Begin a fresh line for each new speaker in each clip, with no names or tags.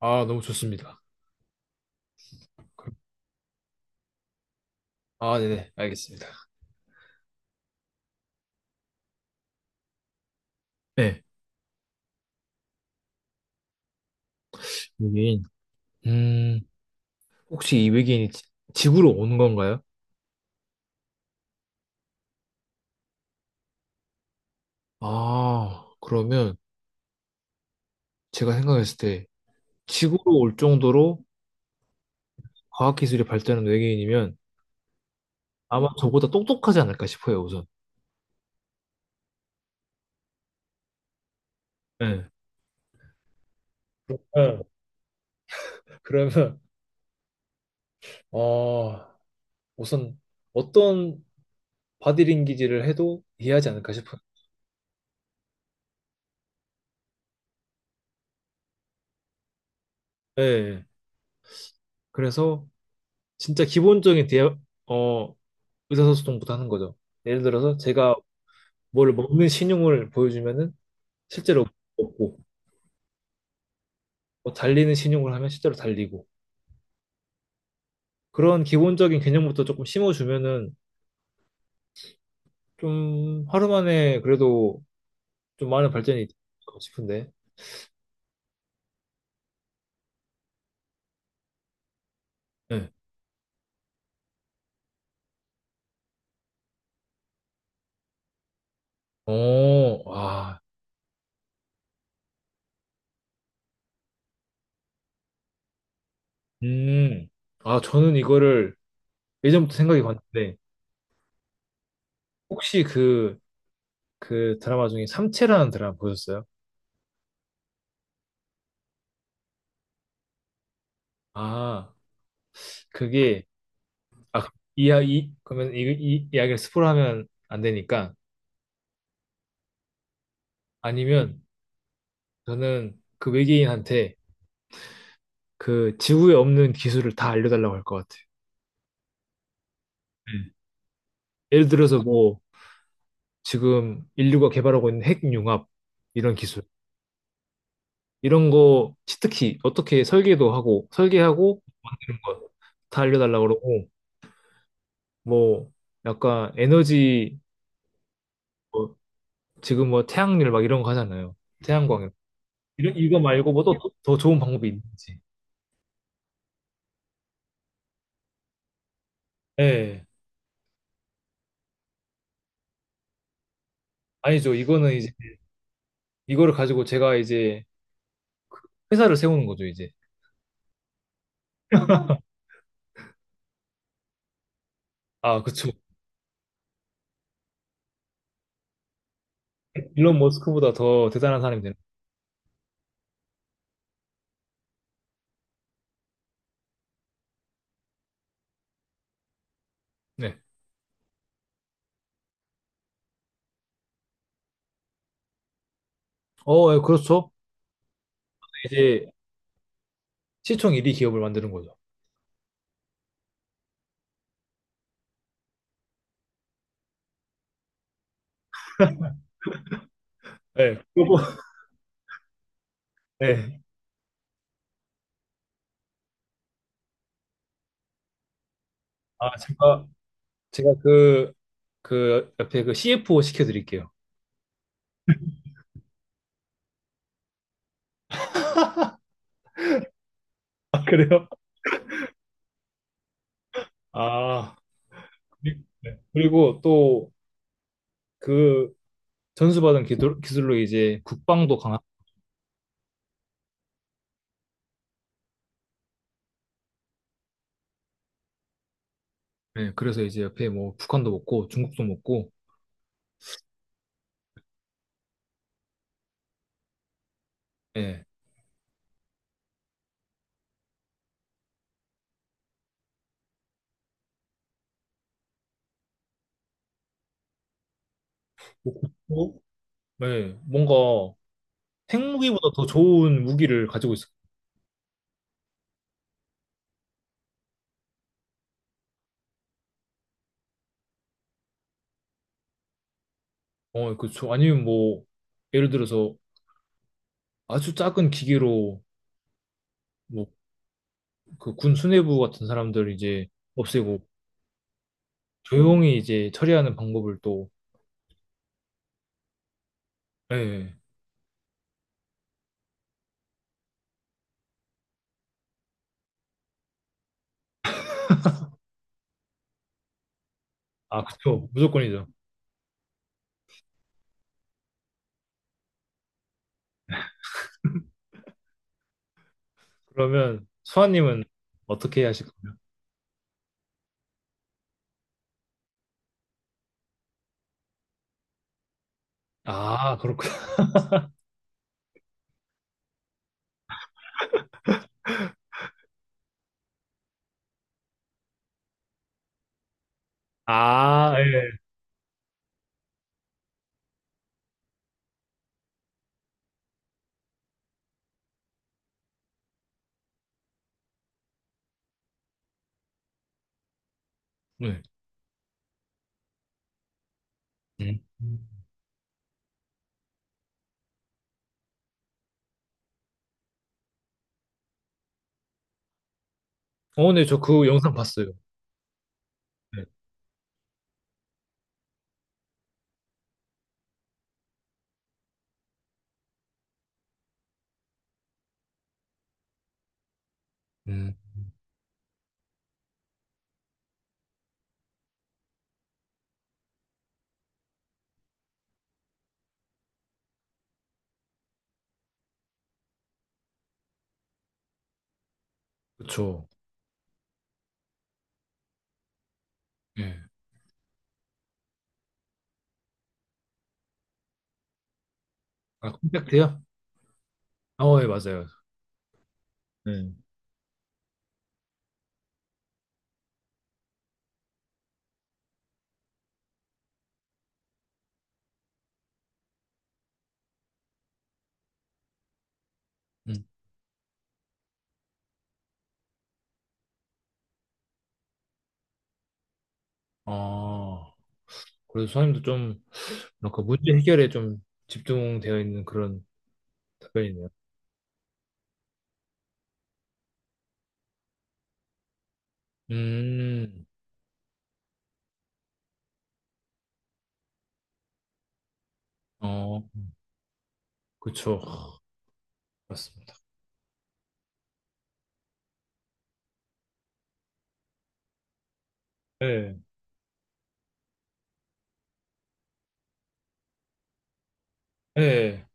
아, 너무 좋습니다. 그럼- 아, 네네, 알겠습니다. 네, 외계인. 음, 혹시 이 외계인이 지구로 오는 건가요? 아, 그러면 제가 생각했을 때 지구로 올 정도로 과학기술이 발달한 외계인이면 아마 저보다 똑똑하지 않을까 싶어요, 우선. 네. 어, 그러면, 어, 우선 어떤 바디링귀지를 해도 이해하지 않을까 싶어요. 네. 그래서 진짜 기본적인 의사소통부터 하는 거죠. 예를 들어서 제가 뭘 먹는 신용을 보여주면은 실제로 먹고, 뭐 달리는 신용을 하면 실제로 달리고, 그런 기본적인 개념부터 조금 심어주면은 좀 하루 만에 그래도 좀 많은 발전이 있지 않을까 싶은데. 네. 어, 아, 음. 아, 저는 이거를 예전부터 생각이 갔는데 혹시 그 드라마 중에 삼체라는 드라마 보셨어요? 아, 그게, 아, 이야 이 그러면 이 이야기를 스포를 하면 안 되니까. 아니면 저는 그 외계인한테 그 지구에 없는 기술을 다 알려달라고 할 것 같아. 음. 예를 들어서 뭐 지금 인류가 개발하고 있는 핵융합 이런 기술, 이런 거 치트키 어떻게 설계도 하고 설계하고 만드는 거 다 알려달라고 그러고, 뭐 약간 에너지, 뭐 지금 뭐 태양열 막 이런 거 하잖아요. 태양광 이런 이거 말고 뭐 또 더 좋은 방법이 있는지. 예. 아니죠. 이거는 이제 이거를 가지고 제가 이제 회사를 세우는 거죠, 이제. 아, 그쵸. 일론 머스크보다 더 대단한 사람이 되는 거죠. 네. 어, 예, 그렇죠. 이제 시총 1위 기업을 만드는 거죠. 네. 그 네. 아, 제가 그 옆에 그 CFO 시켜드릴게요. 아, 그래요? 아, 네. 그리고 또 그 기술로 이제 국방도 강한. 네. 그래서 이제 옆에 뭐 북한도 먹고 중국도 먹고. 네. 뭐 국도? 네. 뭔가 핵무기보다 더 좋은 무기를 가지고 있어요. 어, 그렇죠. 아니면 뭐, 예를 들어서 아주 작은 기계로 뭐 그 군 수뇌부 같은 사람들 이제 없애고 조용히 이제 처리하는 방법을 또. 예. 예. 아, 그쵸. 무조건이죠. 그러면 수아님은 어떻게 하실 거예요? 아, 그렇구나. 아, 예. 네. 음. 어, 네, 저 그 영상 봤어요. 네. 음. 그쵸. 예. 아, 콘택트요? 어, 예, 맞아요. 네. 음. 아, 그래서 수아님도 좀 뭔가 문제 해결에 좀 집중되어 있는 그런 답변이네요. 음. 어, 그쵸. 맞습니다. 예, 예.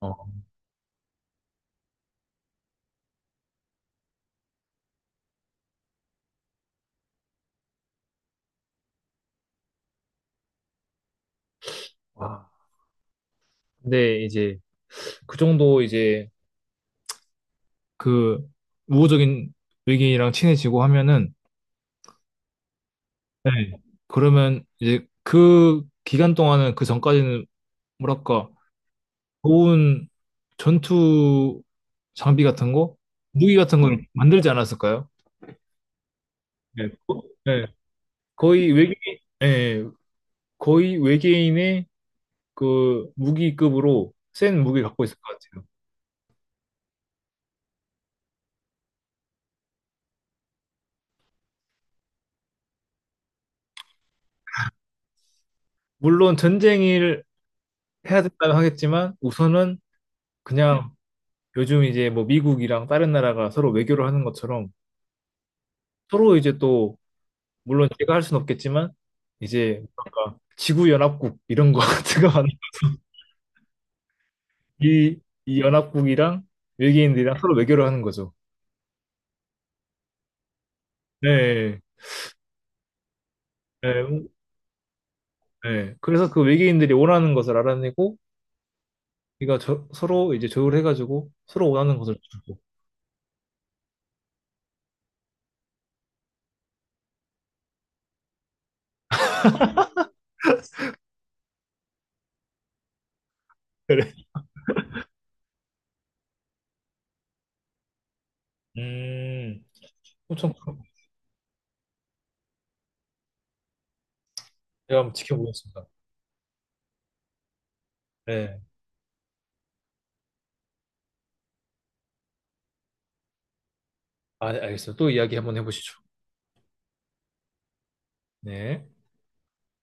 어, 와. 근데 이제 그 정도 이제 그 우호적인 의견이랑 친해지고 하면은, 예. 그러면 이제 그 기간 동안은 그 전까지는 뭐랄까, 좋은 전투 장비 같은 거? 무기 같은 걸 만들지 않았을까요? 예. 예. 거의 예. 거의 외계인의 그 무기급으로 센 무기 갖고 있을 것 같아요. 물론 전쟁을 해야 된다고 하겠지만 우선은, 그냥 요즘 이제 뭐 미국이랑 다른 나라가 서로 외교를 하는 것처럼 서로 이제 또, 물론 제가 할 수는 없겠지만 이제 뭔가 지구 연합국 이런 거 같은 거는, 이, 이 연합국이랑 외계인들이랑 서로 외교를 하는 거죠. 네, 네, 네. 그래서 그 외계인들이 원하는 것을 알아내고 우리가 서로 이제 조율해가지고 서로 원하는 것을 주고. 그래. 음, 엄청 큰 거. 제가 한번 지켜보겠습니다. 네. 아, 알겠습니다. 또 이야기 한번 해보시죠. 네.